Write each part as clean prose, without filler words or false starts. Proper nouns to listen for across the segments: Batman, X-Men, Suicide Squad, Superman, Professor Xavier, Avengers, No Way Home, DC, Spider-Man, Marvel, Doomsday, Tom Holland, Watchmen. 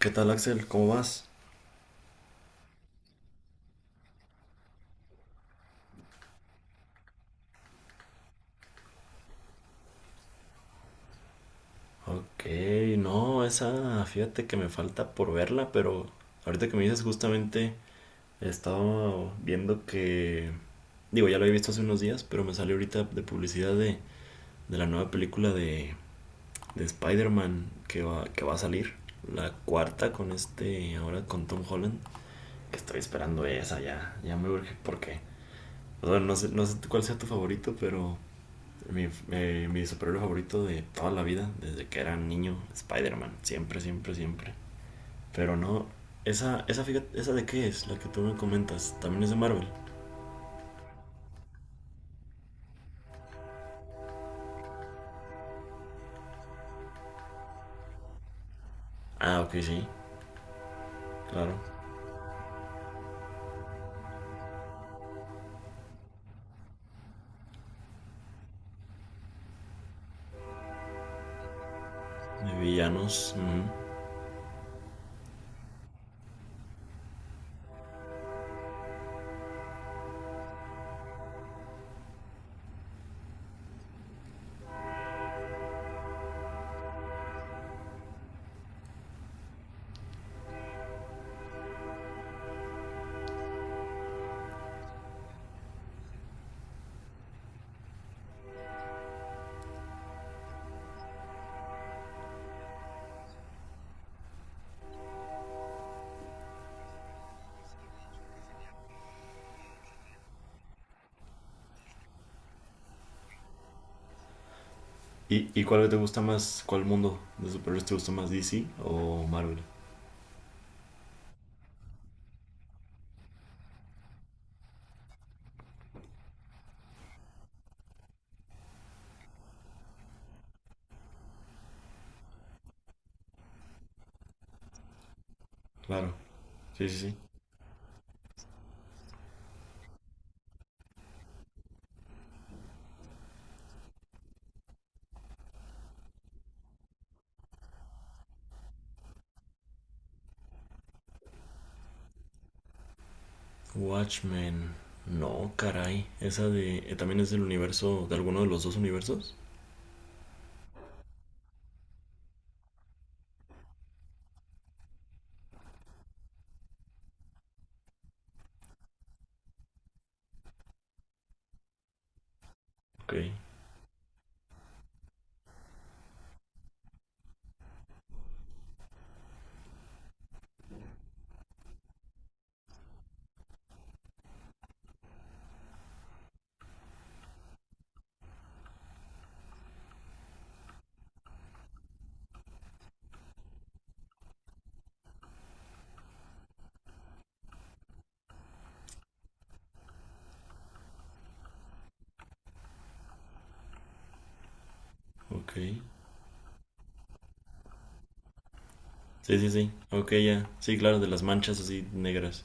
¿Qué tal, Axel? ¿Cómo vas? Ok, no, esa, fíjate que me falta por verla, pero ahorita que me dices justamente, estaba viendo que, digo, ya lo había visto hace unos días, pero me salió ahorita de publicidad de, la nueva película de Spider-Man que va a salir, la cuarta con este, ahora con Tom Holland, que estoy esperando esa ya me urge porque, pues, bueno, no sé, no sé cuál sea tu favorito, pero mi superhéroe favorito de toda la vida, desde que era niño, Spider-Man. Siempre, siempre, siempre. Pero no, esa, esa, esa de qué es, la que tú me comentas, también es de Marvel. Ah, ok, sí, claro. De villanos. Ujú. ¿Y cuál te gusta más? ¿Cuál mundo de superhéroes te gusta más, DC o Marvel? Claro. Sí, sí, sí. Watchmen. No, caray. Esa de. ¿También es del universo, de alguno de los dos universos? Ok, ok. Sí, sí, sí. Ok, ya. Sí, claro, de las manchas así negras.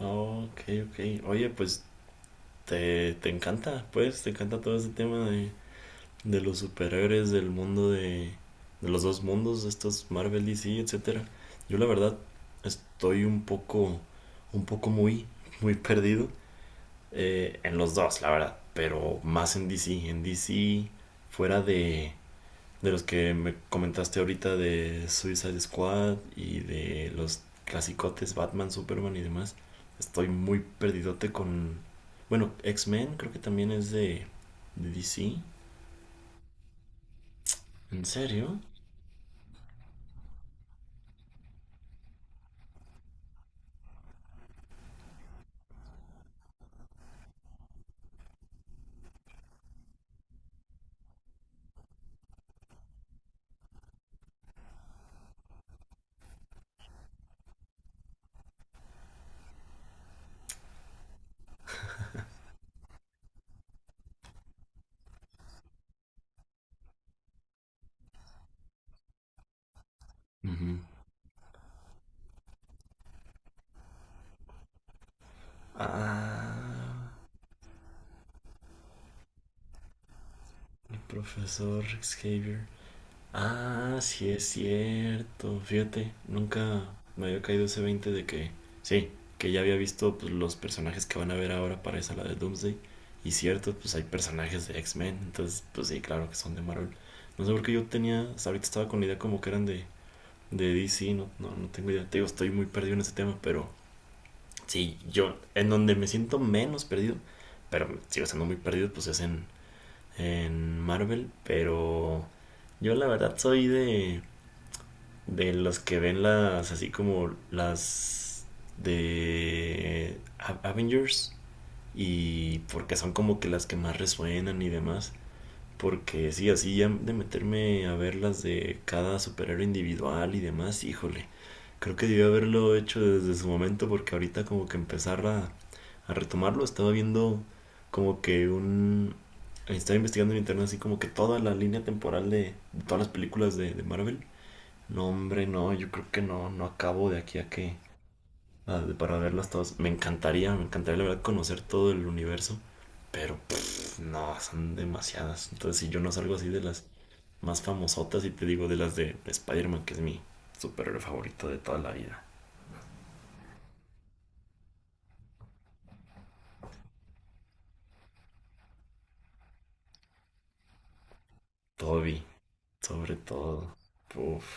Ok, ok. Oye, pues te encanta, pues, te encanta todo este tema de, los superhéroes, del mundo de los dos mundos, estos Marvel, DC, etcétera. Yo la verdad estoy un poco muy, muy perdido en los dos, la verdad, pero más en DC. En DC, fuera de los que me comentaste ahorita de Suicide Squad y de los clasicotes Batman, Superman y demás, estoy muy perdidote con... Bueno, X-Men creo que también es de DC. ¿En serio? Ujú. Ah, el profesor Xavier. Ah, sí es cierto. Fíjate, nunca me había caído ese 20 de que, sí, que ya había visto pues, los personajes que van a ver ahora para esa la de Doomsday. Y cierto, pues hay personajes de X-Men, entonces, pues sí, claro que son de Marvel. No sé por qué yo tenía, hasta ahorita estaba con la idea como que eran de, DC, no, no, no tengo idea. Te digo, estoy muy perdido en ese tema, pero sí, yo, en donde me siento menos perdido, pero sigo estando muy perdido, pues es en, Marvel, pero yo la verdad soy de los que ven las, así como las de Avengers y porque son como que las que más resuenan y demás. Porque sí, así ya de meterme a ver las de cada superhéroe individual y demás, híjole, creo que debió haberlo hecho desde su momento porque ahorita como que empezar a, retomarlo, estaba viendo como que un... Estaba investigando en internet así como que toda la línea temporal de, todas las películas de Marvel no, hombre, no, yo creo que no, no acabo de aquí a que para verlas todas. Me encantaría la verdad conocer todo el universo, pero pff, no, son demasiadas. Entonces, si yo no salgo así de las más famosotas y te digo de las de Spider-Man, que es mi superhéroe favorito de toda la vida. Toby, sobre todo. Uf.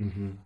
Ujú.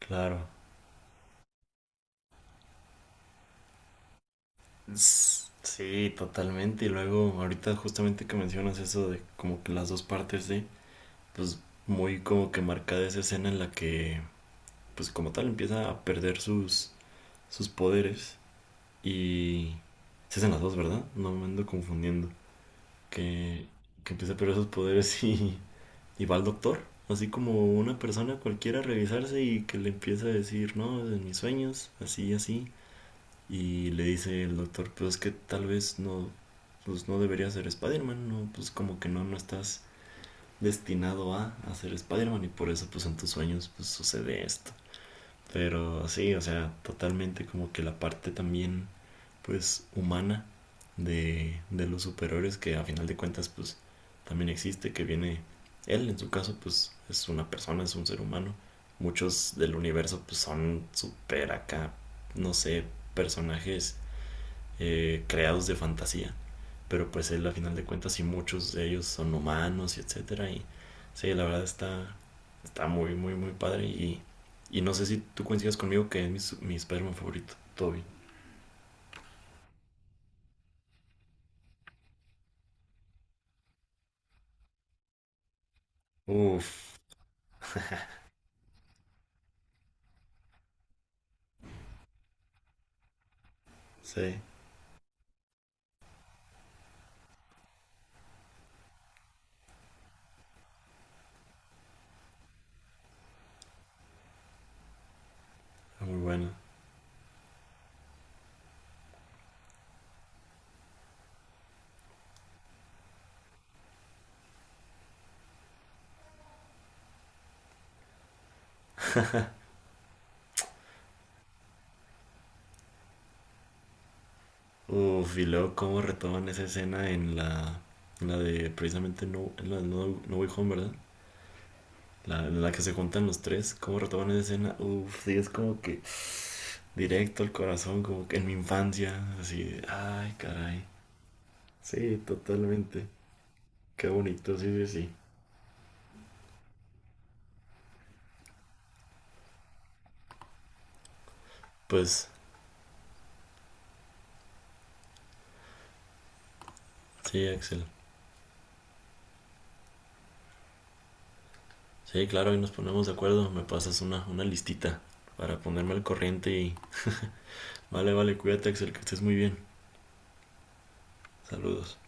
Claro. S- Sí, totalmente. Y luego, ahorita justamente que mencionas eso de como que las dos partes de, pues muy como que marcada esa escena en la que pues como tal empieza a perder sus poderes y se hacen las dos, ¿verdad? No me ando confundiendo. Que, que empieza a perder sus poderes y va al doctor. Así como una persona cualquiera a revisarse y que le empieza a decir, no, en mis sueños, así, así. Y le dice el doctor, pues es que tal vez no, pues no deberías ser Spider-Man, no, pues como que no, no estás destinado a, ser Spider-Man y por eso pues en tus sueños pues sucede esto. Pero sí, o sea, totalmente como que la parte también, pues, humana de los superhéroes que a final de cuentas, pues, también existe, que viene él, en su caso, pues, es una persona, es un ser humano. Muchos del universo, pues, son super acá, no sé, personajes creados de fantasía. Pero pues él a final de cuentas sí muchos de ellos son humanos y etcétera. Y sí, la verdad está, está muy, muy, muy padre. Y no sé si tú coincidas conmigo que es mi Spider-Man favorito, Toby. Uf, sí, muy bueno. Uf, y luego cómo retoman esa escena en la de precisamente No, en la de no, No Way Home, ¿verdad? La, en la que se juntan los tres, cómo retoman esa escena. Uf, sí, es como que directo al corazón, como que en mi infancia, así, de, ay, caray. Sí, totalmente. Qué bonito, sí, sí, sí. Pues, sí, Axel. Sí, claro, ahí nos ponemos de acuerdo. Me pasas una, listita para ponerme al corriente y... Vale, vale, cuídate, Axel, que estés muy bien. Saludos.